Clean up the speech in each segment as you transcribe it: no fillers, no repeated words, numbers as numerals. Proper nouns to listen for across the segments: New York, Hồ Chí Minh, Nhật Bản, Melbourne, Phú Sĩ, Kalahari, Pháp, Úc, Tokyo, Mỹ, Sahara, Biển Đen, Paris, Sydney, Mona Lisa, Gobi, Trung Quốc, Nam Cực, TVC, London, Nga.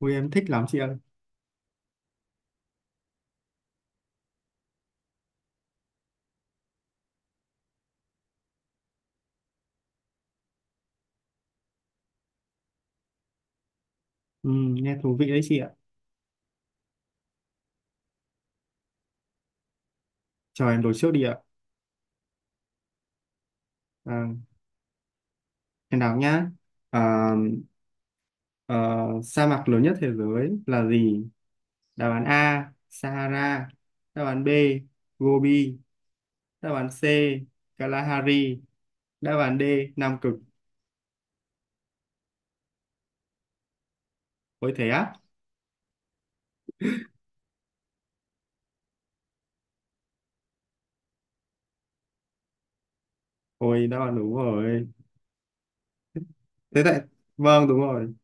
Ui em thích lắm chị ơi. Ừ, nghe thú vị đấy chị ạ. Chờ em đổi trước đi ạ. À, em đọc nhá. À, ờ, Sa mạc lớn nhất thế giới là gì? Đáp án A, Sahara. Đáp án B, Gobi. Đáp án C, Kalahari. Đáp án D, Nam Cực. Ôi thế á? Ôi đáp án đúng rồi. Thế tại, vâng đúng rồi.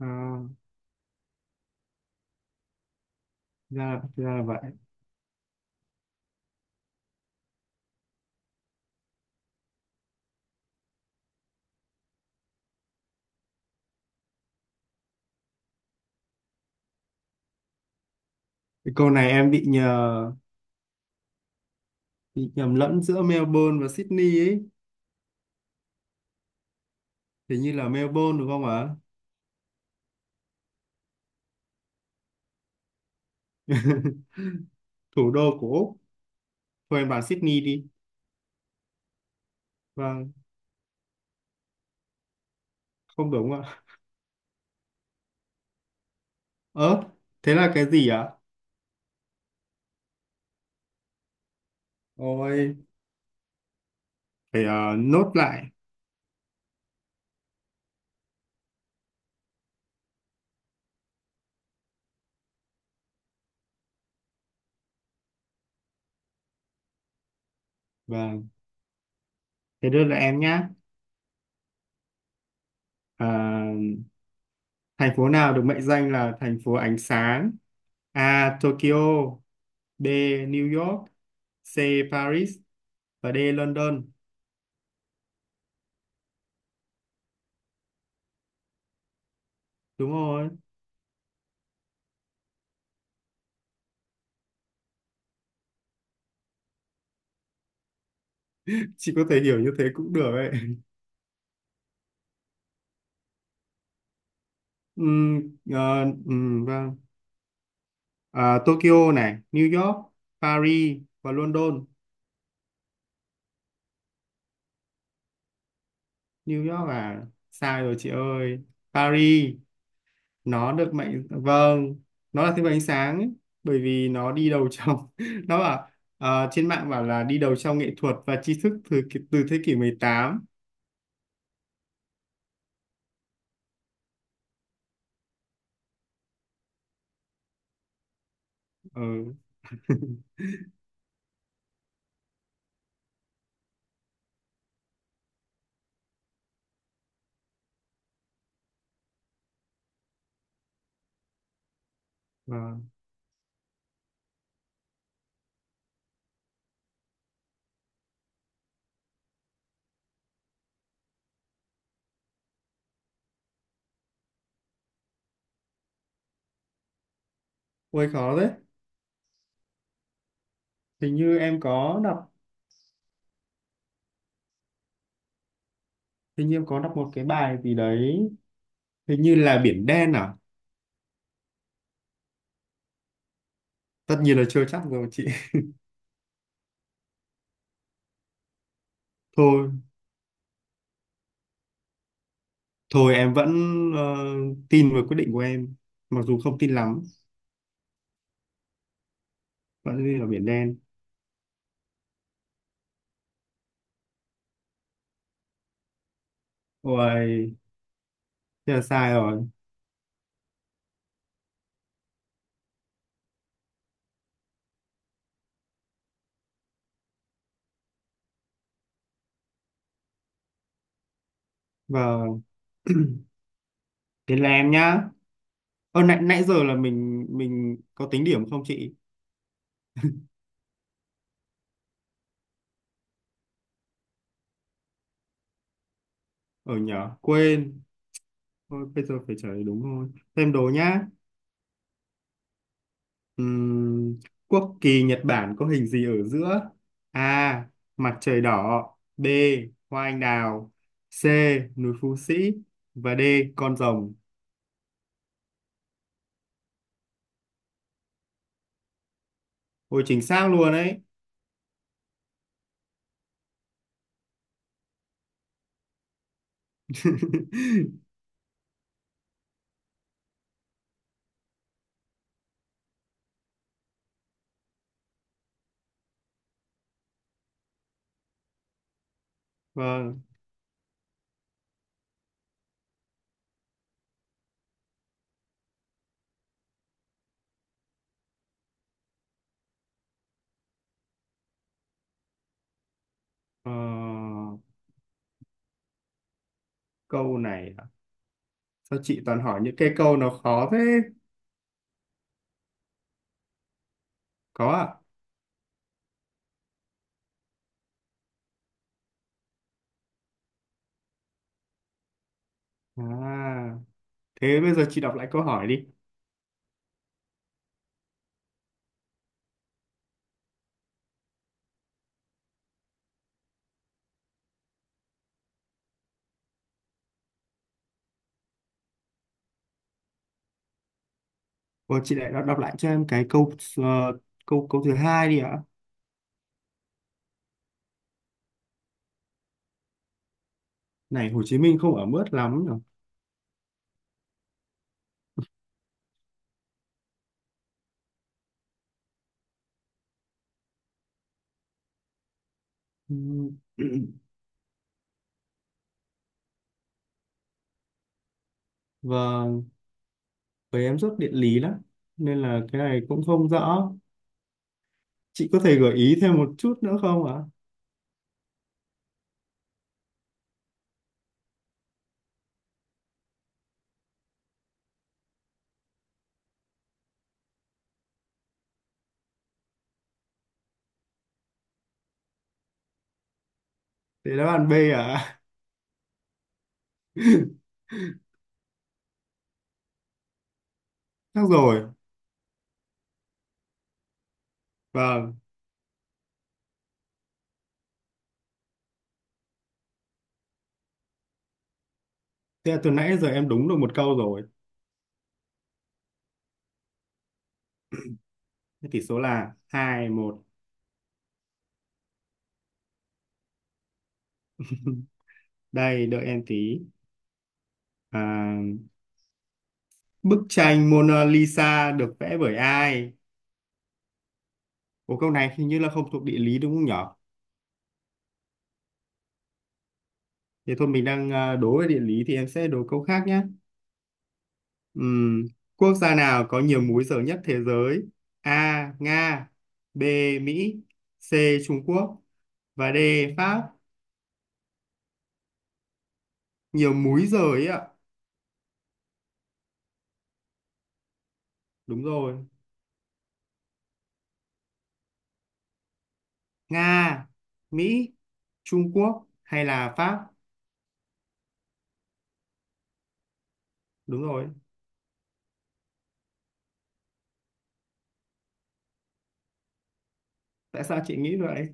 À, ra là vậy. Cái câu này em bị nhầm lẫn giữa Melbourne và Sydney ấy. Thì như là Melbourne đúng không ạ? Thủ đô của Úc, thôi em bảo Sydney đi. Vâng, không đúng ạ. Ớ, thế là cái gì ạ? Ôi, phải, nốt lại. Vâng, thế đưa lại em nhá. Ờ, Thành phố nào được mệnh danh là thành phố ánh sáng? A. Tokyo. B. New York. C. Paris. Và D. London. Đúng rồi. Chị có thể hiểu như thế cũng được ấy. Ờ, vâng. Ờ, Tokyo này, New York, Paris và London. New York à? Sai rồi chị ơi. Paris. Nó được mệnh Vâng, nó là thứ bảy ánh sáng ấy, bởi vì nó đi đầu trong, nó bảo, trên mạng bảo là đi đầu trong nghệ thuật và tri thức từ từ thế kỷ 18. Ừ. Vâng. Ôi khó đấy. Hình như em có đọc. Hình như em có đọc một cái bài gì đấy, hình như là Biển Đen à? Tất nhiên là chưa chắc rồi chị. Thôi thôi em vẫn, ờ, tin vào quyết định của em, mặc dù không tin lắm. Vẫn tin là Biển Đen. Ôi. Thế là sai rồi. Và đến là em nhá. Nãy nãy giờ là mình có tính điểm không chị? Ở nhở, quên. Thôi bây giờ phải trả lời đúng thôi. Thêm đố nhá. Ừm, Quốc kỳ Nhật Bản có hình gì ở giữa? A. Mặt trời đỏ. B. Hoa anh đào. C. Núi Phú Sĩ. Và D. Con rồng. Ôi chính xác luôn đấy. Vâng. Ờ, Câu này à? Sao chị toàn hỏi những cái câu nó khó thế? Có ạ. À, thế bây giờ chị đọc lại câu hỏi đi. Ủa, chị lại đọc lại cho em cái câu, ờ, câu thứ hai đi ạ. Này, Hồ Chí Minh không ở mướt lắm nhỉ. Ừm, Vâng, với em rất địa lý lắm nên là cái này cũng không rõ. Chị có thể gợi ý thêm một chút nữa không ạ? Để đáp án B ạ. Chắc rồi. Vâng, thế là từ nãy giờ em đúng được một câu rồi. Thế tỷ số là 2-1. Đây, đợi em tí. À, bức tranh Mona Lisa được vẽ bởi ai? Ủa câu này hình như là không thuộc địa lý đúng không nhở? Thì thôi mình đang à, đố về địa lý thì em sẽ đố câu khác nhé. Ừm, Quốc gia nào có nhiều múi giờ nhất thế giới? A. Nga. B. Mỹ. C. Trung Quốc. Và D. Pháp. Nhiều múi giờ ấy ạ. Đúng rồi. Nga, Mỹ, Trung Quốc hay là Pháp? Đúng rồi. Tại sao chị nghĩ vậy?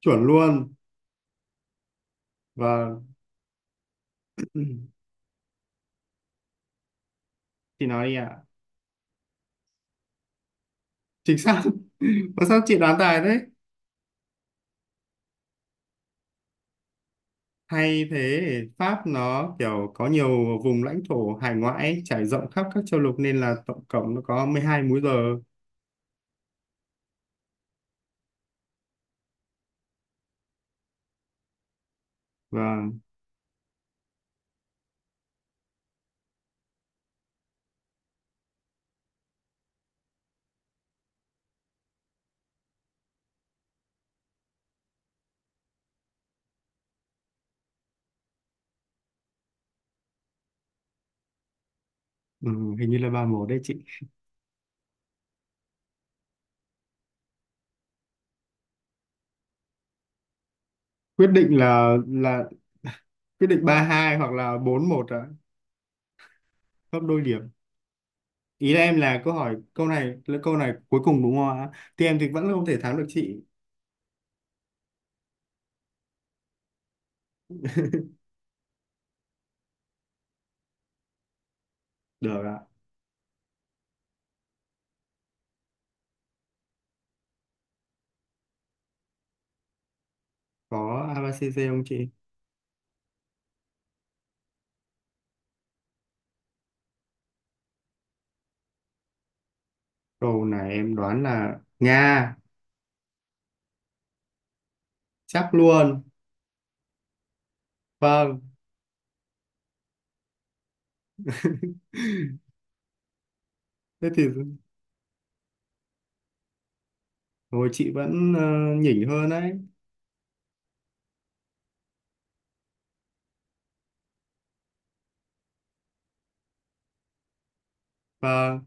Chuẩn luôn. Và chị nói đi ạ. Chính xác. Mà sao chị đoán tài thế. Hay thế, Pháp nó kiểu có nhiều vùng lãnh thổ hải ngoại trải rộng khắp các châu lục nên là tổng cộng nó có 12 múi giờ. Và ừ, hình như là 3-1 đấy chị. Quyết định là quyết định 3-2 hoặc là 4-1 ạ, gấp đôi điểm. Ý là em, là câu hỏi, câu này cuối cùng đúng không ạ? Thì em thì vẫn không thể thắng được chị. Được ạ. Có ABCD không chị? Câu này em đoán là Nga, chắc luôn. Vâng. Thế thì rồi chị vẫn, nhỉnh hơn đấy. Và